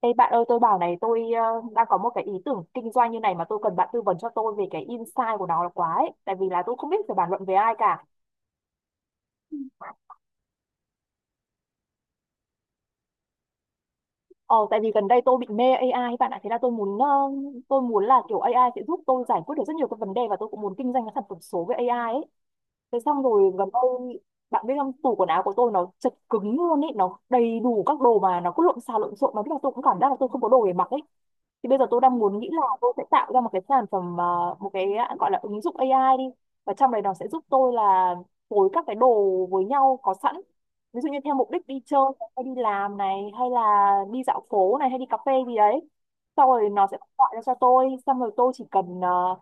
Ê bạn ơi, tôi bảo này, đang có một cái ý tưởng kinh doanh như này mà tôi cần bạn tư vấn cho tôi về cái insight của nó là quá ấy. Tại vì là tôi không biết phải bàn luận với ai cả. Ờ tại vì gần đây tôi bị mê AI ấy bạn ạ. Thế là tôi muốn là kiểu AI sẽ giúp tôi giải quyết được rất nhiều các vấn đề và tôi cũng muốn kinh doanh cái sản phẩm số với AI ấy. Thế xong rồi gần đây bạn biết không, tủ quần áo của tôi nó chật cứng luôn ấy, nó đầy đủ các đồ mà nó cứ lộn xào lộn xộn mà biết là tôi cũng cảm giác là tôi không có đồ để mặc ấy. Thì bây giờ tôi đang muốn nghĩ là tôi sẽ tạo ra một cái một cái gọi là ứng dụng AI đi, và trong đấy nó sẽ giúp tôi là phối các cái đồ với nhau có sẵn, ví dụ như theo mục đích đi chơi hay đi làm này, hay là đi dạo phố này, hay đi cà phê gì đấy, sau rồi nó sẽ gọi ra cho tôi. Xong rồi tôi chỉ cần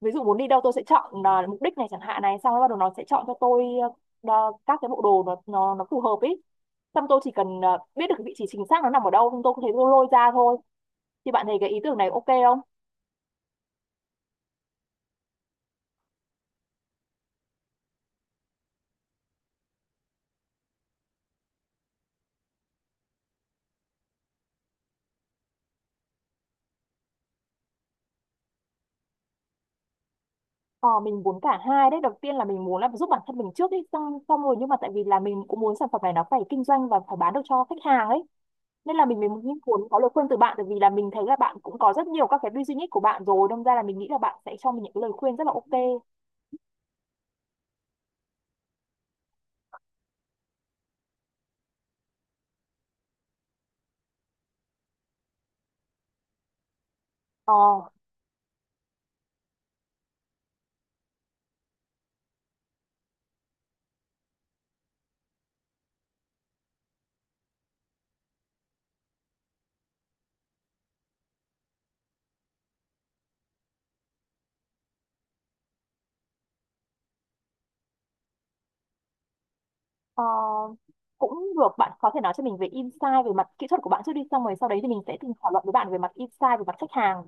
ví dụ muốn đi đâu tôi sẽ chọn là mục đích này chẳng hạn này, xong rồi bắt đầu nó sẽ chọn cho tôi các cái bộ đồ nó phù hợp ấy, xong tôi chỉ cần biết được cái vị trí chính xác nó nằm ở đâu xong tôi có thể tôi lôi ra thôi. Thì bạn thấy cái ý tưởng này ok không? Ờ mình muốn cả hai đấy, đầu tiên là mình muốn là giúp bản thân mình trước ấy, xong xong rồi nhưng mà tại vì là mình cũng muốn sản phẩm này nó phải kinh doanh và phải bán được cho khách hàng ấy, nên là mình mới muốn muốn có lời khuyên từ bạn, tại vì là mình thấy là bạn cũng có rất nhiều các cái business của bạn rồi, đâm ra là mình nghĩ là bạn sẽ cho mình những cái lời khuyên rất là ok. Ờ. Ờ, cũng được, bạn có thể nói cho mình về insight về mặt kỹ thuật của bạn trước đi, xong rồi sau đấy thì mình sẽ cùng thảo luận với bạn về mặt insight về mặt khách hàng.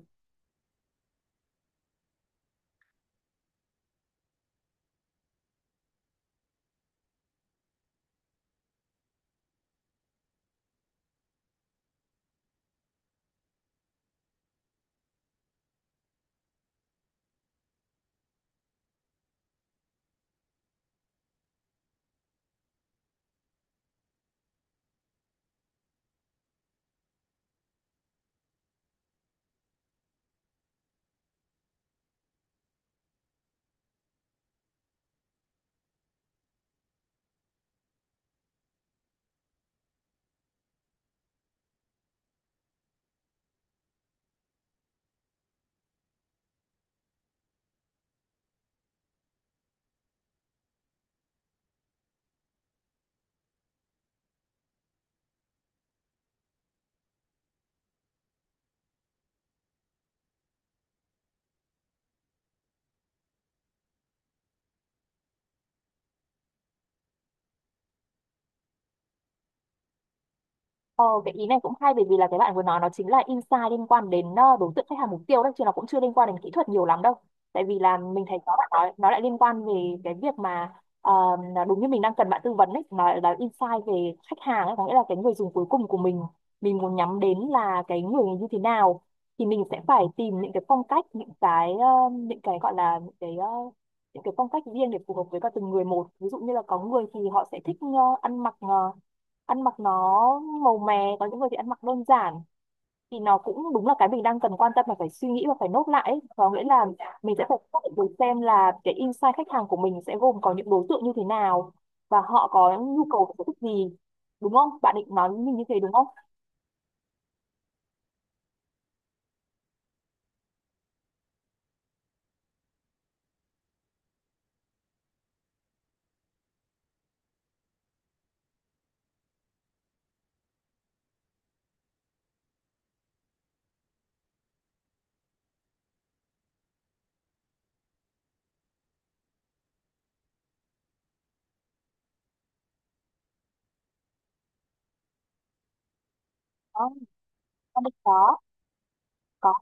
Ờ, cái ý này cũng hay, bởi vì là cái bạn vừa nói nó chính là insight liên quan đến đối tượng khách hàng mục tiêu đấy, chứ nó cũng chưa liên quan đến kỹ thuật nhiều lắm đâu. Tại vì là mình thấy có bạn nói nó lại liên quan về cái việc mà ờ, là đúng như mình đang cần bạn tư vấn đấy, nó là insight về khách hàng ấy, có nghĩa là cái người dùng cuối cùng của mình muốn nhắm đến là cái người như thế nào, thì mình sẽ phải tìm những cái phong cách, những cái gọi là những cái phong cách riêng để phù hợp với cả từng người một. Ví dụ như là có người thì họ sẽ thích ăn mặc ờ, ăn mặc nó màu mè, có những người thì ăn mặc đơn giản. Thì nó cũng đúng là cái mình đang cần quan tâm và phải suy nghĩ và phải nốt lại ấy. Có nghĩa là mình sẽ phải xác định được xem là cái insight khách hàng của mình sẽ gồm có những đối tượng như thế nào và họ có nhu cầu và sở thích gì. Đúng không, bạn định nói với mình như thế đúng không? Đó, con định có. Có.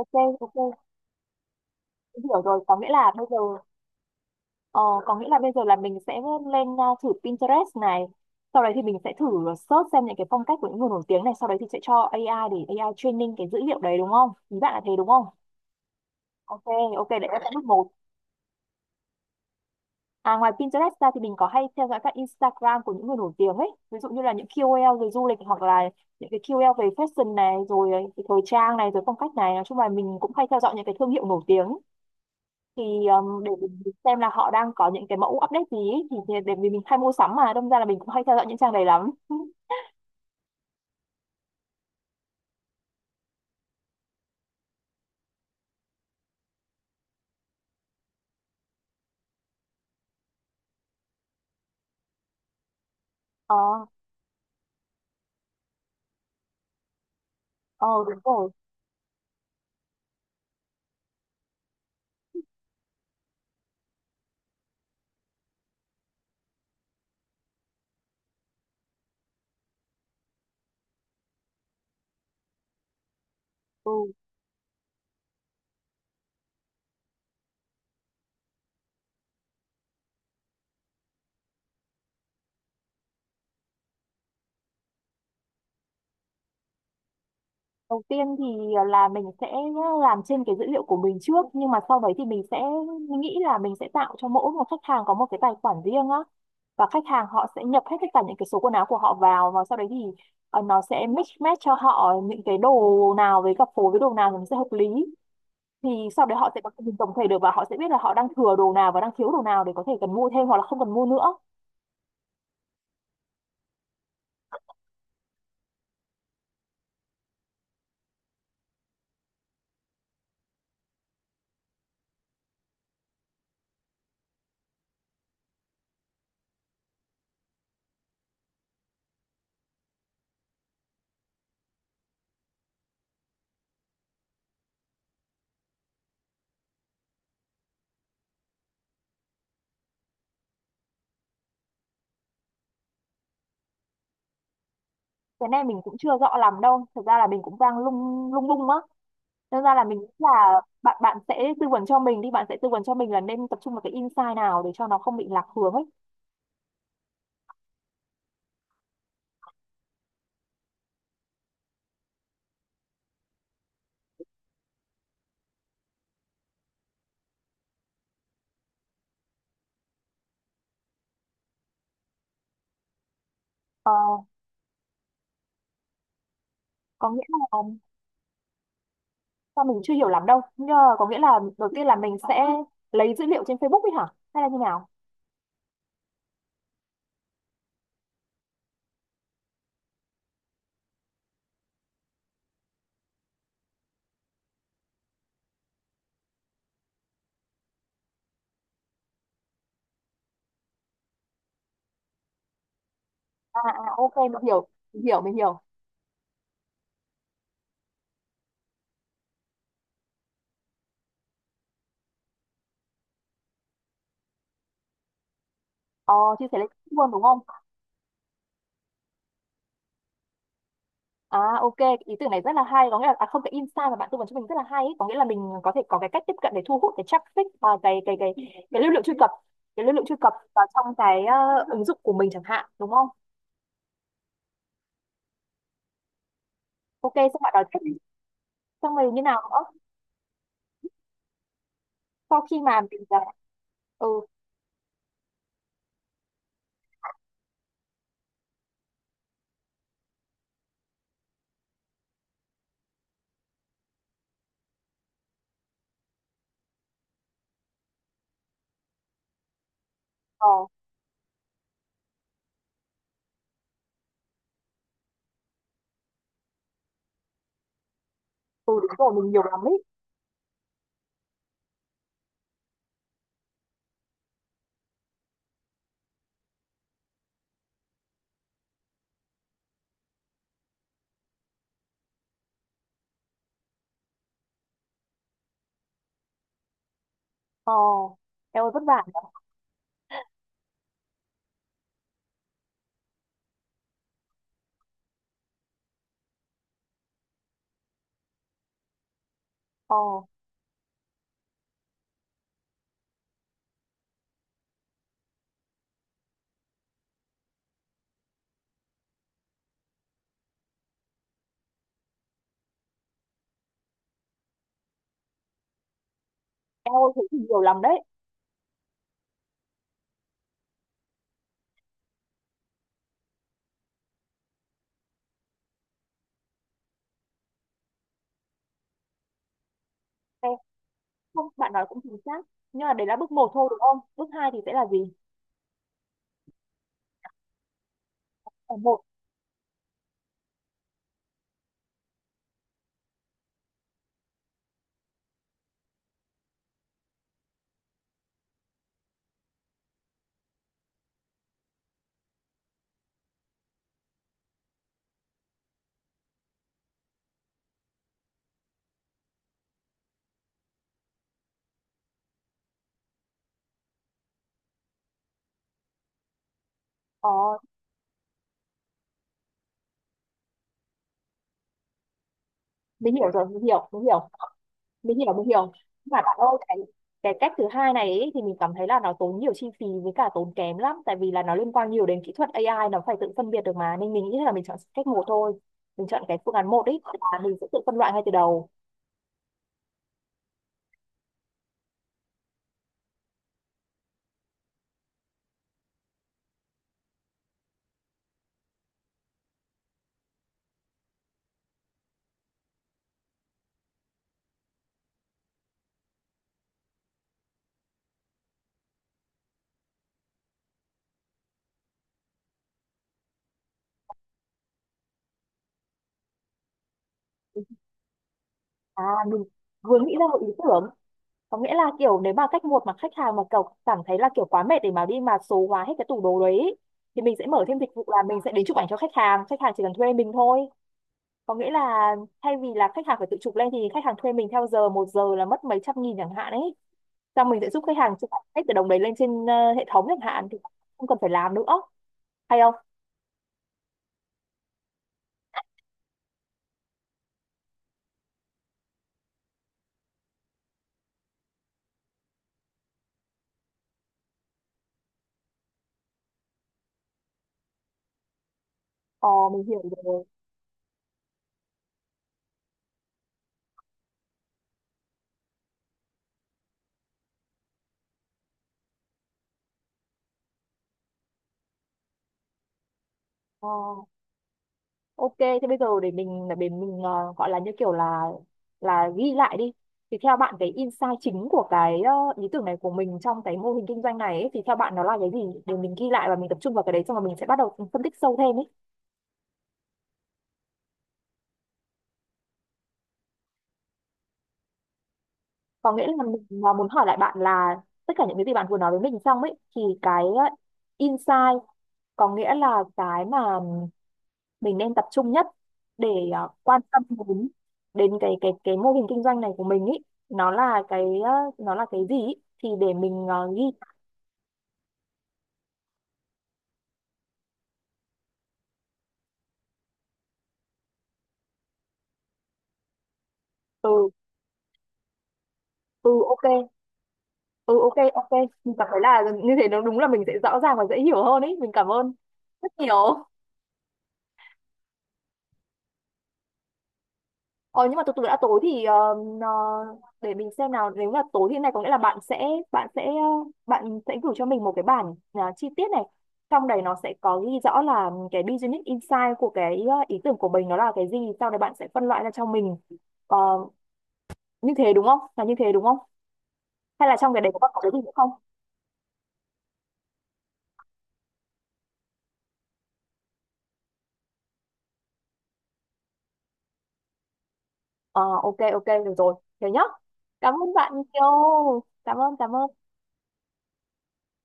Ok ok, hiểu rồi, có nghĩa là bây giờ. Ờ, có nghĩa là bây giờ là mình sẽ lên thử Pinterest này, sau đấy thì mình sẽ thử search xem những cái phong cách của những người nổi tiếng này, sau đấy thì sẽ cho AI để AI training cái dữ liệu đấy, đúng không, ý bạn là thế đúng không? Ok ok, đấy là sẽ bước một. À, ngoài Pinterest ra thì mình có hay theo dõi các Instagram của những người nổi tiếng ấy, ví dụ như là những KOL về du lịch hoặc là những cái KOL về fashion này rồi, cái thời trang này rồi, phong cách này. Nói chung là mình cũng hay theo dõi những cái thương hiệu nổi tiếng, thì để mình xem là họ đang có những cái mẫu update gì ý. Thì để vì mình hay mua sắm mà đâm ra là mình cũng hay theo dõi những trang này lắm. Ờ. Ờ đúng rồi. Ừ. Đầu tiên thì là mình sẽ làm trên cái dữ liệu của mình trước, nhưng mà sau đấy thì mình sẽ nghĩ là mình sẽ tạo cho mỗi một khách hàng có một cái tài khoản riêng á, và khách hàng họ sẽ nhập hết tất cả những cái số quần áo của họ vào, và sau đấy thì nó sẽ mix match cho họ những cái đồ nào với cặp phối với đồ nào thì nó sẽ hợp lý. Thì sau đấy họ sẽ có cái nhìn tổng thể được, và họ sẽ biết là họ đang thừa đồ nào và đang thiếu đồ nào để có thể cần mua thêm hoặc là không cần mua nữa. Cái này mình cũng chưa rõ lắm đâu, thật ra là mình cũng đang lung lung lung á, nên ra là mình nghĩ là bạn bạn sẽ tư vấn cho mình đi, bạn sẽ tư vấn cho mình là nên tập trung vào cái insight nào để cho nó không bị lạc hướng ấy. Ờ, có nghĩa là sao, mình chưa hiểu lắm đâu, nhưng mà có nghĩa là đầu tiên là mình sẽ lấy dữ liệu trên Facebook ấy hả, hay là như nào? À, à ok, mình hiểu mình hiểu. Ờ, chia sẻ lên Facebook luôn đúng không? À ok, cái ý tưởng này rất là hay, có nghĩa là à, không, cái insight mà bạn tư vấn cho mình rất là hay ấy. Có nghĩa là mình có thể có cái cách tiếp cận để thu hút cái traffic và cái lưu lượng truy cập, cái lưu lượng truy cập vào trong cái ứng dụng của mình chẳng hạn, đúng không? Ok, xong bạn nói tiếp đi. Xong rồi như nào nữa? Sau khi mà mình đã. Ừ. Ờ. Ừ đúng rồi, mình nhiều lắm ấy. Ờ, em ơi vất vả nhỉ. Ờ, em ơi thế thì nhiều lắm đấy. Ê, không, bạn nói cũng chính xác. Nhưng mà đấy là bước một thôi đúng không? Bước hai thì sẽ là gì? Ờ, một, ờ, mình hiểu rồi, mình hiểu. Mình hiểu. Và bạn ơi, cái cách thứ hai này ấy, thì mình cảm thấy là nó tốn nhiều chi phí với cả tốn kém lắm, tại vì là nó liên quan nhiều đến kỹ thuật AI, nó phải tự phân biệt được mà, nên mình nghĩ là mình chọn cách một thôi. Mình chọn cái phương án một ấy, tức là mình sẽ tự phân loại ngay từ đầu. À, mình vừa nghĩ ra một ý tưởng, có nghĩa là kiểu nếu mà cách một mà khách hàng mà kiểu cảm thấy là kiểu quá mệt để mà đi mà số hóa hết cái tủ đồ đấy ấy, thì mình sẽ mở thêm dịch vụ là mình sẽ đến chụp ảnh cho khách hàng, khách hàng chỉ cần thuê mình thôi. Có nghĩa là thay vì là khách hàng phải tự chụp lên thì khách hàng thuê mình theo giờ, một giờ là mất mấy trăm nghìn chẳng hạn ấy, xong mình sẽ giúp khách hàng chụp hết từ đồng đấy lên trên hệ thống chẳng hạn, thì không cần phải làm nữa, hay không? Ờ mình hiểu rồi. Ờ, ok, thế bây giờ để gọi là như kiểu là ghi lại đi, thì theo bạn cái insight chính của cái ý tưởng này của mình trong cái mô hình kinh doanh này ấy, thì theo bạn nó là cái gì, để mình ghi lại và mình tập trung vào cái đấy, xong rồi mình sẽ bắt đầu phân tích sâu thêm ấy. Có nghĩa là mình muốn hỏi lại bạn là tất cả những cái gì bạn vừa nói với mình xong ấy, thì cái insight, có nghĩa là cái mà mình nên tập trung nhất để quan tâm đến, đến cái mô hình kinh doanh này của mình ấy, nó là cái nó là cái gì ý, thì để mình ghi. Từ từ ok. Ừ ok ok. Mình cảm thấy là như thế nó đúng là mình sẽ rõ ràng và dễ hiểu hơn ấy, mình cảm ơn rất nhiều. Ờ nhưng mà từ từ đã, tối thì ờ, để mình xem nào, nếu là tối thì này, có nghĩa là bạn sẽ gửi cho mình một cái bản chi tiết này, trong đấy nó sẽ có ghi rõ là cái business insight của cái ý tưởng của mình nó là cái gì, sau đấy bạn sẽ phân loại ra cho mình. Ờ, như thế đúng không, là như thế đúng không, hay là trong cái đấy có còn cái gì nữa không? Ờ ok ok được rồi, thế nhá, cảm ơn bạn nhiều, cảm ơn.